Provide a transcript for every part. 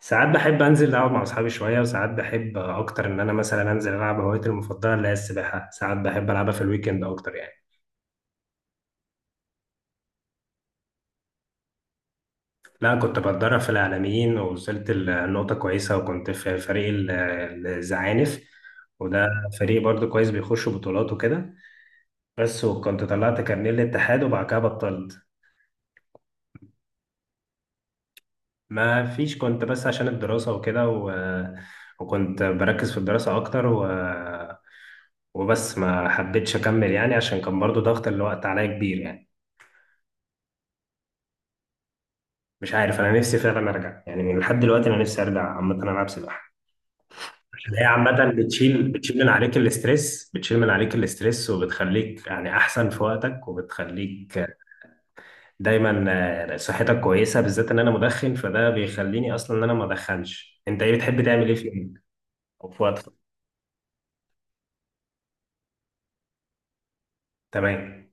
ساعات بحب انزل العب مع اصحابي شويه، وساعات بحب اكتر ان انا مثلا انزل العب هوايتي المفضله اللي هي السباحه. ساعات بحب العبها في الويكند اكتر يعني. لا، كنت بتدرب في العالمين ووصلت لنقطه كويسه، وكنت في فريق الزعانف. وده فريق برضو كويس بيخش بطولات وكده. بس وكنت طلعت كارنيه الاتحاد وبعد كده بطلت. ما فيش، كنت بس عشان الدراسه وكده وكنت بركز في الدراسه اكتر. وبس ما حبيتش اكمل يعني، عشان كان برضو ضغط الوقت عليا كبير يعني. مش عارف، انا نفسي فعلا ارجع يعني، من لحد دلوقتي انا نفسي ارجع عامه العب سباحه، عشان هي عامه بتشيل من عليك الاسترس، بتشيل من عليك الاسترس وبتخليك يعني احسن في وقتك، وبتخليك دايما. صحتك كويسه بالذات ان انا مدخن، فده بيخليني اصلا ان انا ما ادخنش. انت ايه بتحب تعمل ايه في يومك او في وقتك؟ تمام.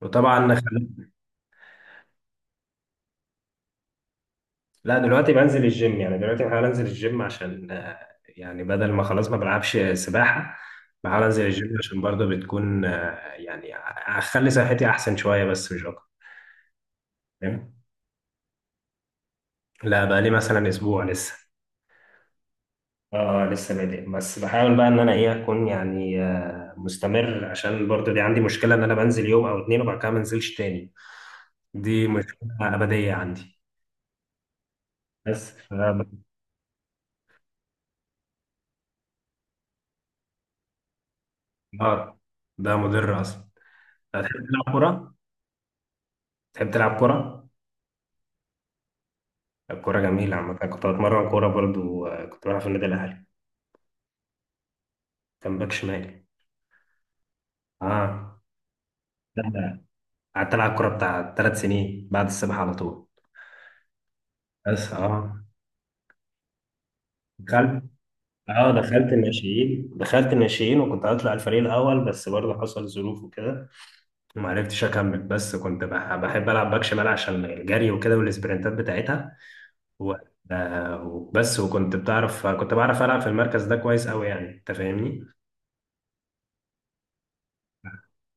وطبعا، لا دلوقتي بنزل الجيم يعني. دلوقتي بحاول انزل الجيم عشان يعني بدل ما خلاص ما بلعبش سباحة، بحاول انزل الجيم عشان برضه بتكون يعني اخلي صحتي احسن شوية، بس مش اكتر. فاهم؟ لا، بقى لي مثلا اسبوع لسه. اه لسه بادئ. بس بحاول بقى ان انا ايه اكون يعني مستمر، عشان برضه دي عندي مشكلة ان انا بنزل يوم او اتنين وبعد كده ما انزلش تاني. دي مشكلة ابدية عندي. بس. اه ده مضر اصلا. هتحب تلعب كورة؟ تحب تلعب كورة؟ الكورة جميلة عامة. أنا كنت بتمرن كورة برضو، كنت بلعب في النادي الأهلي. كان باك شمال. اه. لا، لا. قعدت ألعب كورة بتاع ثلاث سنين بعد السباحة على طول. بس اه دخلت. اه دخلت الناشئين، دخلت الناشئين وكنت هطلع الفريق الأول، بس برضه حصل ظروف وكده وما عرفتش أكمل. بس كنت بحب ألعب باك شمال عشان الجري وكده والسبرنتات بتاعتها و... بس وكنت بتعرف، كنت بعرف ألعب في المركز ده كويس أوي يعني. أنت فاهمني؟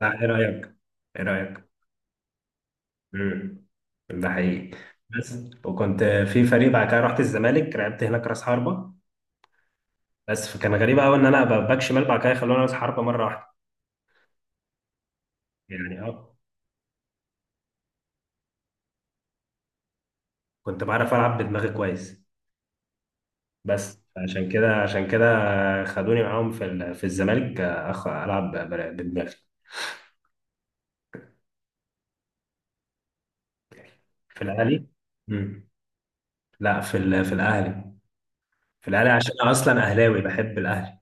لا، إيه رأيك؟ إيه رأيك؟ امم. ده حقيقي. بس وكنت في فريق، بعد كده رحت الزمالك، لعبت هناك راس حربه. بس فكان غريب قوي ان انا ابقى باك شمال بعد كده خلوني راس حربه مره واحده. يعني اه كنت بعرف العب بدماغي كويس. بس عشان كده خدوني معاهم في الزمالك. أخ العب بدماغي. في الاهلي. امم. لا في الاهلي. في الاهلي عشان انا اصلا اهلاوي، بحب الاهلي.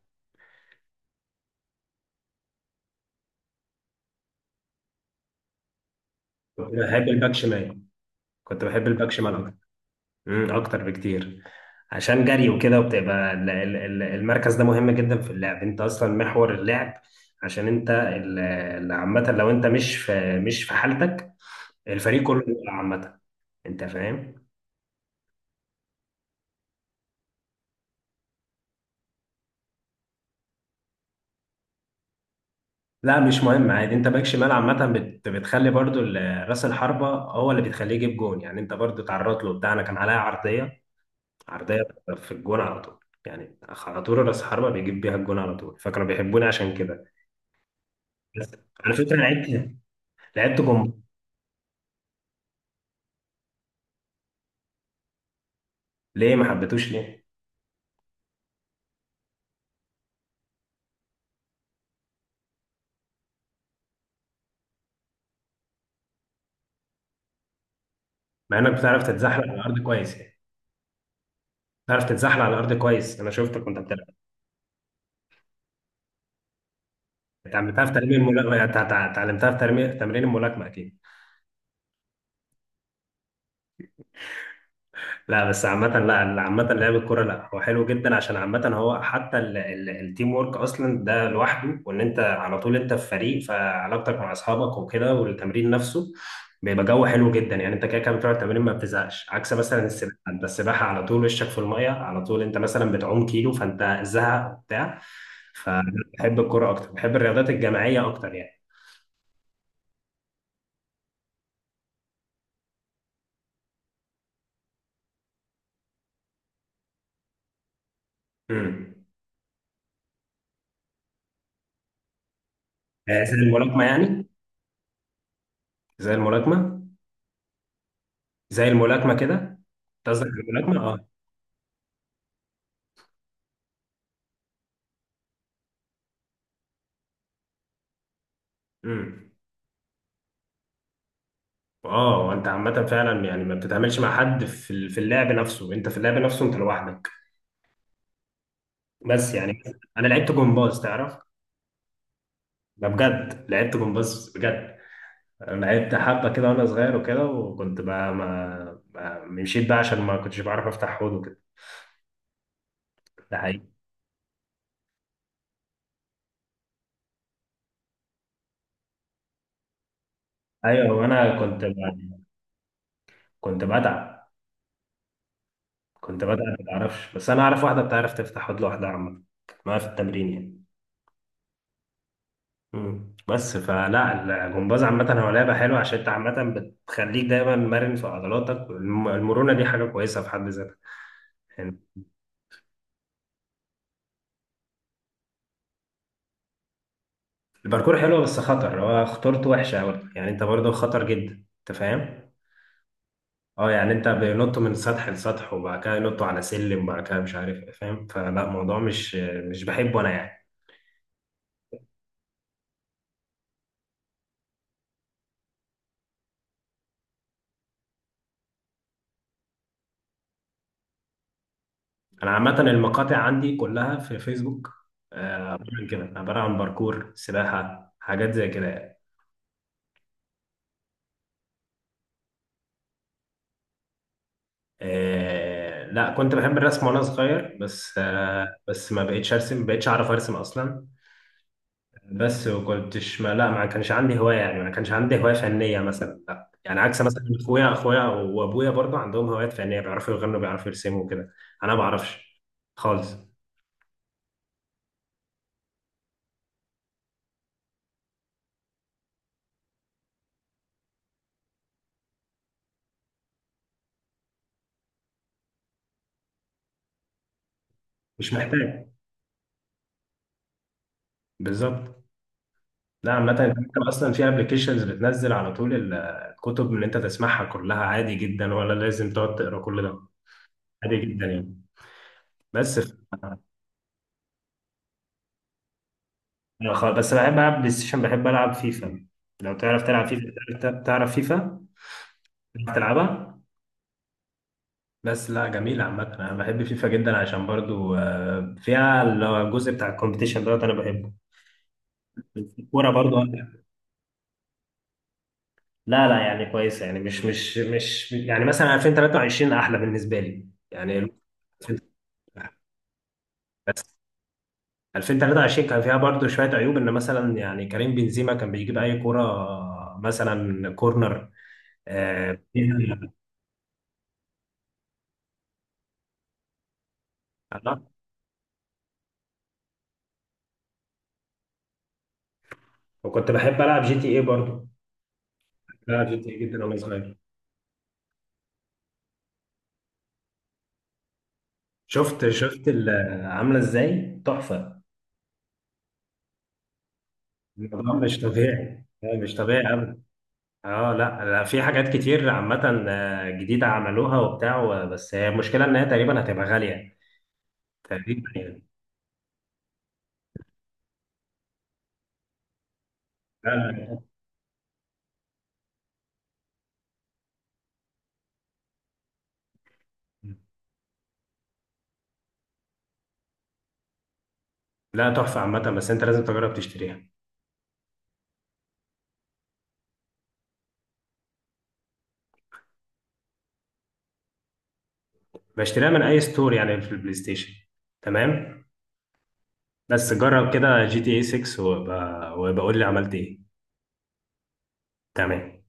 كنت بحب الباك شمال، كنت بحب الباك شمال. اكتر بكتير، عشان جري وكده، وبتبقى المركز ده مهم جدا في اللعب. انت اصلا محور اللعب، عشان انت عامه لو انت مش في حالتك الفريق كله بيقع عامه. انت فاهم؟ لا مش مهم عادي. انت باك شمال عامه بتخلي برضو ال- راس الحربه هو اللي بتخليه يجيب جون يعني. انت برضو اتعرضت له، بتاعنا كان عليها عرضيه، عرضيه في الجون على طول. يعني على طول راس الحربه بيجيب بيها الجون على طول، فكانوا بيحبوني عشان كده. بس على فكره لعبت، لعبت. ليه ما حبيتوش ليه؟ مع انك بتعرف تتزحلق على الارض كويس يعني. بتعرف تتزحلق على الارض كويس، انا شفتك وانت بتلعب. اتعلمتها في تمرين الملاكمه. اتعلمتها في تمرين الملاكمه اكيد. لا بس عامة، لا عامة، لعب الكرة لا هو حلو جدا، عشان عامة هو حتى التيم وورك أصلا ده لوحده، وإن أنت على طول أنت في فريق، فعلاقتك مع أصحابك وكده والتمرين نفسه بيبقى جو حلو جدا يعني. أنت كده كده بتقعد تمرين ما بتزهقش، عكس مثلا السباحة. أنت السباحة على طول وشك في المية على طول، أنت مثلا بتعوم كيلو فأنت زهق وبتاع. فبحب الكرة أكتر، بحب الرياضات الجماعية أكتر يعني. امم. زي الملاكمة يعني. زي الملاكمة. زي الملاكمة كده. أنت قصدك على الملاكمة؟ آه. امم. اه انت عامه فعلا يعني ما بتتعاملش مع حد في اللعب نفسه. انت في اللعب نفسه انت لوحدك. بس يعني انا لعبت جمباز تعرف. ده بجد، لعبت جمباز بجد. انا لعبت حبه كده وانا صغير وكده، وكنت بقى مشيت بقى عشان ما كنتش بعرف افتح حوض وكده. ده حقيقي. ايوه وانا كنت بتعب كنت بتعب ما بعرفش. بس انا اعرف واحده بتعرف تفتح حوض لوحدها عامه، كانت معايا في التمرين يعني. مم. بس فلا الجمباز عامة هو لعبة حلوة، عشان انت عامة بتخليك دايما مرن في عضلاتك، والم- المرونة دي حاجة كويسة في حد ذاتها يعني. الباركور حلوة بس خطر، هو خطورته وحشة أوي يعني، انت برضه خطر جدا. انت فاهم؟ اه يعني انت بينطوا من سطح لسطح، وبعد كده ينطوا على سلم، وبعد كده مش عارف ايه، فاهم؟ فلا الموضوع مش بحبه انا يعني. انا عامة المقاطع عندي كلها في فيسبوك. عبارة عن كده، عبارة عن باركور سباحة حاجات زي كده يعني. آه لا، كنت بحب الرسم وانا صغير، بس آه بس ما بقيتش ارسم، ما بقيتش اعرف ارسم اصلا. بس وكنتش ما لا ما كانش عندي هوايه يعني. ما كانش عندي هوايه فنيه مثلا، لا يعني عكس مثلا اخويا وابويا برضه عندهم هوايات فنيه، بيعرفوا يغنوا، بيعرفوا يرسموا وكده. انا ما بعرفش خالص. مش محتاج. بالظبط. لا عامة انت ممكن اصلا في ابلكيشنز بتنزل على طول الكتب اللي انت تسمعها كلها عادي جدا، ولا لازم تقعد تقرا كل ده؟ عادي جدا يعني. بس أنا بس بحب العب بلاي ستيشن، بحب العب فيفا. لو تعرف تلعب فيفا. تعرف فيفا. تعرف تلعبها. بس لا جميل. عامة انا بحب فيفا جدا عشان برضو فيها الجزء بتاع الكومبيتيشن دوت انا بحبه. الكورة برضو أنا- لا لا يعني كويسة يعني مش يعني مثلا 2023 احلى بالنسبة لي يعني. ألفين وثلاثة وعشرين بس. 2023 كان فيها برضو شوية عيوب، ان مثلا يعني كريم بنزيما كان بيجيب اي كرة مثلا كورنر. آه، وكنت بحب العب جي تي ايه برضو، بلعب جي تي ايه جدا وانا صغير. شفت عامله ازاي تحفه. الموضوع مش طبيعي، لا، مش طبيعي ابدا. اه لا لا، في حاجات كتير عامه جديده عملوها وبتاع بس هي المشكله ان هي تقريبا هتبقى غاليه، تقريبا يعني. لا لا تحفه عامه، بس انت لازم تجرب تشتريها. بشتريها من اي ستور يعني في البلاي ستيشن. تمام. بس جرب كده جي تي اي 6 وبقول لي عملت ايه. تمام.